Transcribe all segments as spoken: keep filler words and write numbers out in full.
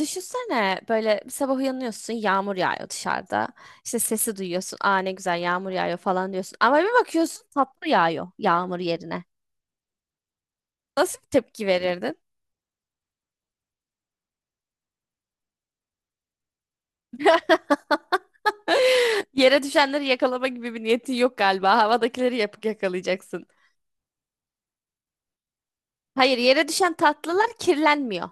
Düşünsene böyle bir sabah uyanıyorsun yağmur yağıyor dışarıda. İşte sesi duyuyorsun. Aa ne güzel yağmur yağıyor falan diyorsun. Ama bir bakıyorsun tatlı yağıyor yağmur yerine. Nasıl bir tepki verirdin? Yere düşenleri yakalama gibi bir niyetin yok galiba. Havadakileri yapıp yakalayacaksın. Hayır yere düşen tatlılar kirlenmiyor.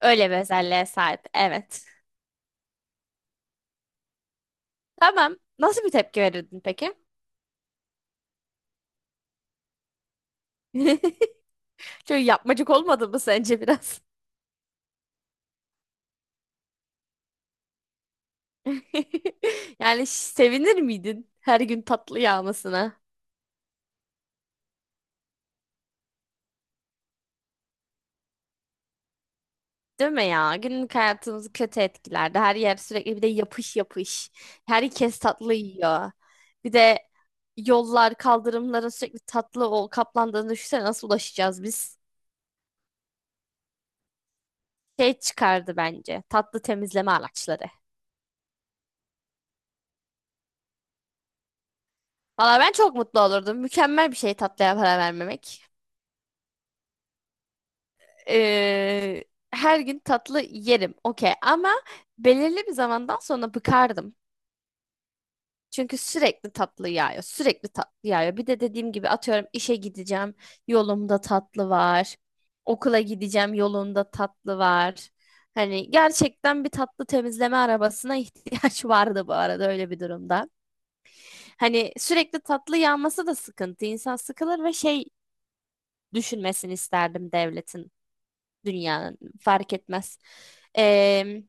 Öyle bir özelliğe sahip. Evet. Tamam. Nasıl bir tepki verirdin peki? Çok yapmacık olmadı mı sence biraz? Yani ş- sevinir miydin her gün tatlı yağmasına? Değil mi ya? Günlük hayatımızı kötü etkilerdi. Her yer sürekli bir de yapış yapış. Herkes tatlı yiyor. Bir de yollar, kaldırımların sürekli tatlı o kaplandığını düşünsene nasıl ulaşacağız biz? Şey çıkardı bence. Tatlı temizleme araçları. Valla ben çok mutlu olurdum. Mükemmel bir şey tatlıya para vermemek. Ee, her gün tatlı yerim. Okey ama belirli bir zamandan sonra bıkardım. Çünkü sürekli tatlı yağıyor. Sürekli tatlı yağıyor. Bir de dediğim gibi atıyorum işe gideceğim yolumda tatlı var. Okula gideceğim yolunda tatlı var. Hani gerçekten bir tatlı temizleme arabasına ihtiyaç vardı bu arada öyle bir durumda. Hani sürekli tatlı yağması da sıkıntı. İnsan sıkılır ve şey düşünmesini isterdim devletin, dünyanın fark etmez. Ee,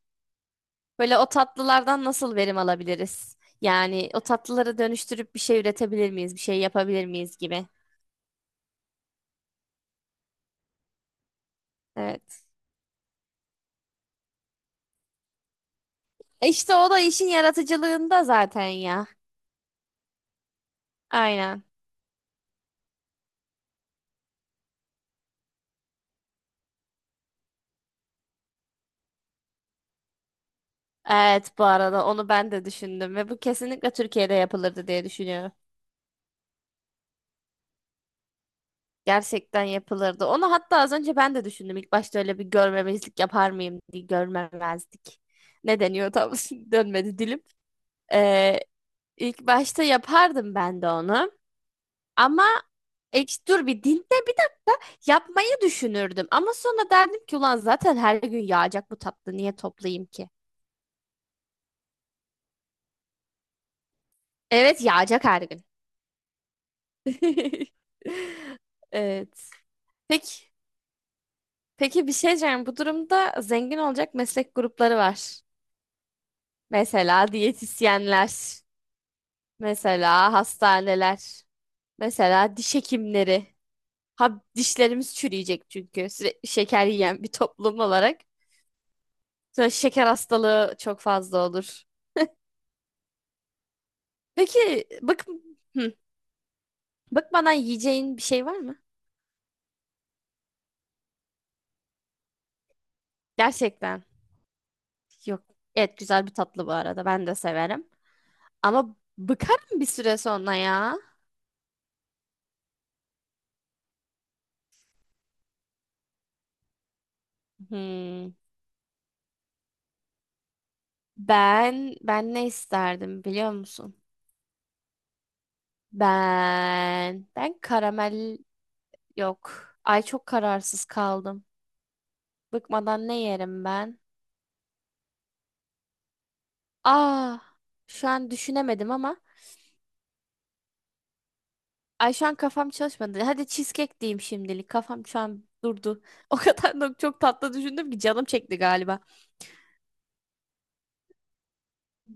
Böyle o tatlılardan nasıl verim alabiliriz? Yani o tatlıları dönüştürüp bir şey üretebilir miyiz? Bir şey yapabilir miyiz gibi. Evet. E İşte o da işin yaratıcılığında zaten ya. Aynen. Evet bu arada onu ben de düşündüm ve bu kesinlikle Türkiye'de yapılırdı diye düşünüyorum. Gerçekten yapılırdı. Onu hatta az önce ben de düşündüm. İlk başta öyle bir görmemezlik yapar mıyım diye görmemezlik. Ne deniyor tam dönmedi dilim. Ee, ilk başta yapardım ben de onu. Ama ek dur bir dinde bir de yapmayı düşünürdüm. Ama sonra derdim ki ulan zaten her gün yağacak bu tatlı niye toplayayım ki? Evet yağacak her gün. Evet. Peki, peki bir şey diyeceğim. Bu durumda zengin olacak meslek grupları var. Mesela diyetisyenler, mesela hastaneler, mesela diş hekimleri. Ha, dişlerimiz çürüyecek çünkü sürekli şeker yiyen bir toplum olarak. Sonra şeker hastalığı çok fazla olur. Peki bık hı, bıkmadan yiyeceğin bir şey var mı? Gerçekten. Yok. Evet güzel bir tatlı bu arada. Ben de severim. Ama bıkarım bir süre sonra ya. Hmm. Ben ben ne isterdim biliyor musun? Ben ben karamel yok. Ay çok kararsız kaldım. Bıkmadan ne yerim ben? Ah şu an düşünemedim ama ay şu an kafam çalışmadı. Hadi cheesecake diyeyim şimdilik. Kafam şu an durdu. O kadar da çok tatlı düşündüm ki canım çekti galiba.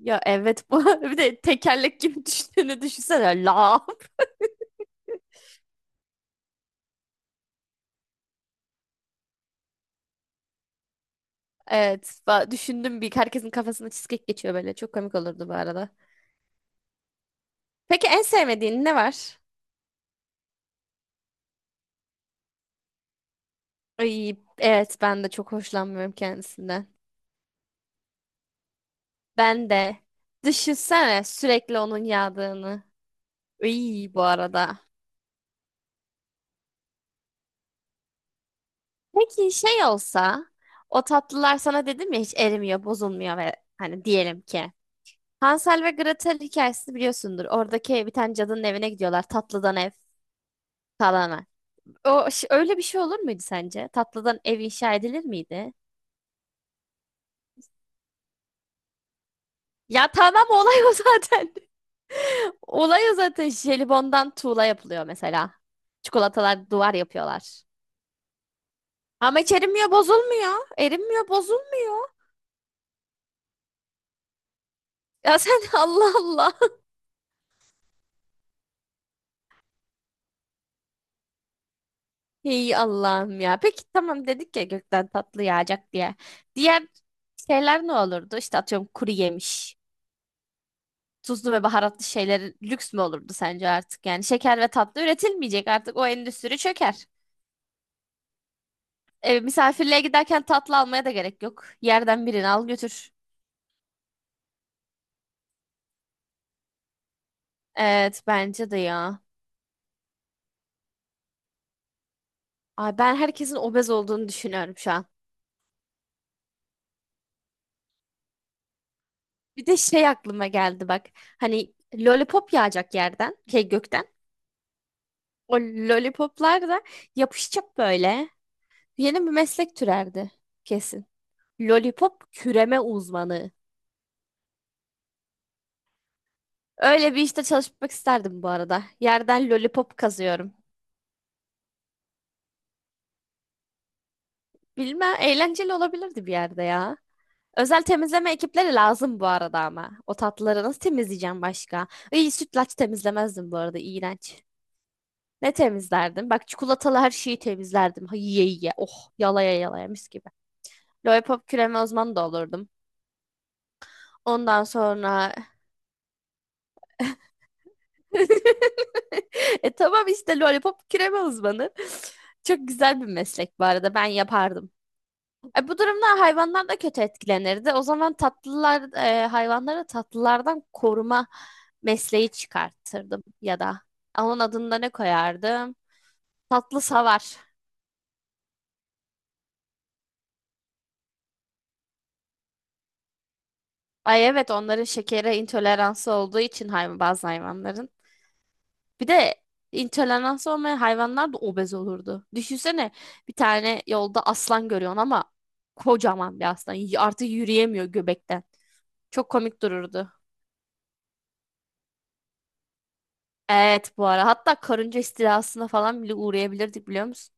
Ya evet bu. Bir de tekerlek gibi düştüğünü düşünsene. La. Evet. ba- Düşündüm bir. Herkesin kafasına cheesecake geçiyor böyle. Çok komik olurdu bu arada. Peki en sevmediğin ne var? Ay, evet ben de çok hoşlanmıyorum kendisinden. Ben de. Düşünsene sürekli onun yağdığını. İyi bu arada. Peki şey olsa o tatlılar sana dedim ya hiç erimiyor, bozulmuyor ve hani diyelim ki Hansel ve Gretel hikayesini biliyorsundur. Oradaki bir tane cadının evine gidiyorlar. Tatlıdan ev kalana. O ş- öyle bir şey olur muydu sence? Tatlıdan ev inşa edilir miydi? Ya tamam olay o zaten. Olay o zaten. Jelibondan tuğla yapılıyor mesela. Çikolatalar duvar yapıyorlar. Ama hiç erimiyor, bozulmuyor. Erimiyor, bozulmuyor. Ya sen Allah Allah. Ey Allah'ım ya. Peki tamam dedik ya gökten tatlı yağacak diye. Diğer şeyler ne olurdu? İşte atıyorum kuru yemiş. Tuzlu ve baharatlı şeyler lüks mü olurdu sence artık? Yani şeker ve tatlı üretilmeyecek artık o endüstri çöker. E, misafirliğe giderken tatlı almaya da gerek yok. Yerden birini al götür. Evet bence de ya. Ay ben herkesin obez olduğunu düşünüyorum şu an. Bir de şey aklıma geldi bak. Hani lollipop yağacak yerden, şey gökten. O lollipoplar da yapışacak böyle. Yeni bir meslek türerdi kesin. Lollipop küreme uzmanı. Öyle bir işte çalışmak isterdim bu arada. Yerden lollipop kazıyorum. Bilmem eğlenceli olabilirdi bir yerde ya. Özel temizleme ekipleri lazım bu arada ama. O tatlıları nasıl temizleyeceğim başka? İyi sütlaç temizlemezdim bu arada iğrenç. Ne temizlerdim? Bak çikolatalı her şeyi temizlerdim. Ha, yiye yiye. Oh yalaya yalaya mis gibi. Lollipop küreme uzmanı da olurdum. Ondan sonra e tamam işte lollipop küreme uzmanı. Çok güzel bir meslek bu arada ben yapardım. E, bu durumda hayvanlar da kötü etkilenirdi. O zaman tatlılar e, hayvanları tatlılardan koruma mesleği çıkartırdım ya da. Onun adını da ne koyardım? Tatlı savar. Ay evet onların şekere intoleransı olduğu için hay- bazı hayvanların. Bir de intolerans olmayan hayvanlar da obez olurdu. Düşünsene bir tane yolda aslan görüyorsun ama kocaman bir aslan. Y- Artık yürüyemiyor göbekten. Çok komik dururdu. Evet bu ara. Hatta karınca istilasına falan bile uğrayabilirdik biliyor musun?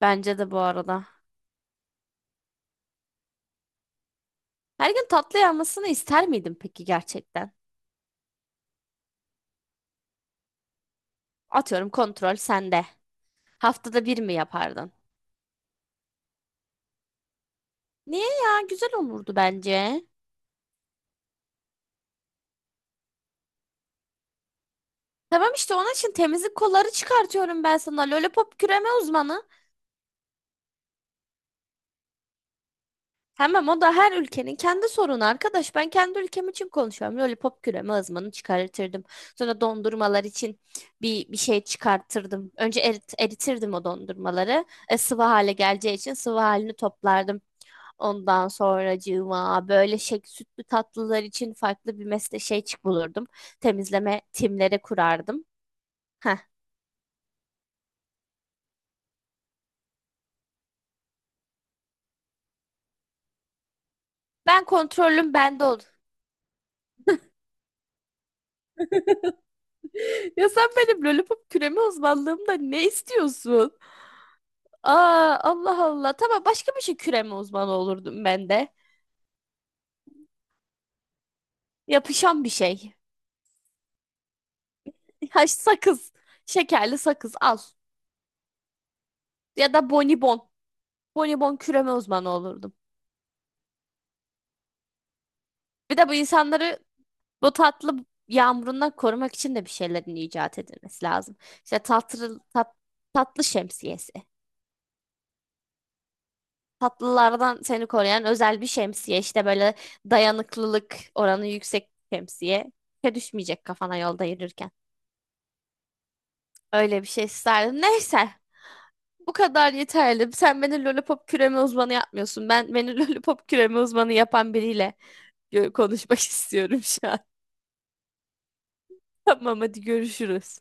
Bence de bu arada. Her gün tatlı yapmasını ister miydin peki gerçekten? Atıyorum kontrol sende. Haftada bir mi yapardın? Niye ya? Güzel olurdu bence. Tamam işte onun için temizlik kolları çıkartıyorum ben sana. Lollipop küreme uzmanı. Tamam o da her ülkenin kendi sorunu arkadaş. Ben kendi ülkem için konuşuyorum. Lollipop küreme ızmanı çıkartırdım. Sonra dondurmalar için bir, bir şey çıkartırdım. Önce erit, eritirdim o dondurmaları. E, sıvı hale geleceği için sıvı halini toplardım. Ondan sonracığıma böyle şey, sütlü tatlılar için farklı bir mesle şey çık bulurdum. Temizleme timleri kurardım. Heh. Ben kontrolüm bende oldu. Ya sen benim lollipop küreme uzmanlığımda ne istiyorsun? Aa, Allah Allah. Tamam başka bir şey küreme uzmanı olurdum ben de. Yapışan bir şey. Ha, sakız. Şekerli sakız al. Ya da bonibon. Bonibon küreme uzmanı olurdum. Bir de bu insanları bu tatlı yağmurundan korumak için de bir şeylerin icat edilmesi lazım. İşte tatlı, tat, tatlı şemsiyesi. Tatlılardan seni koruyan özel bir şemsiye. İşte böyle dayanıklılık oranı yüksek şemsiye. Düşmeyecek kafana yolda yürürken. Öyle bir şey isterdim. Neyse. Bu kadar yeterli. Sen beni lollipop küreme uzmanı yapmıyorsun. Ben beni lollipop küreme uzmanı yapan biriyle gö- konuşmak istiyorum şu an. Tamam hadi görüşürüz.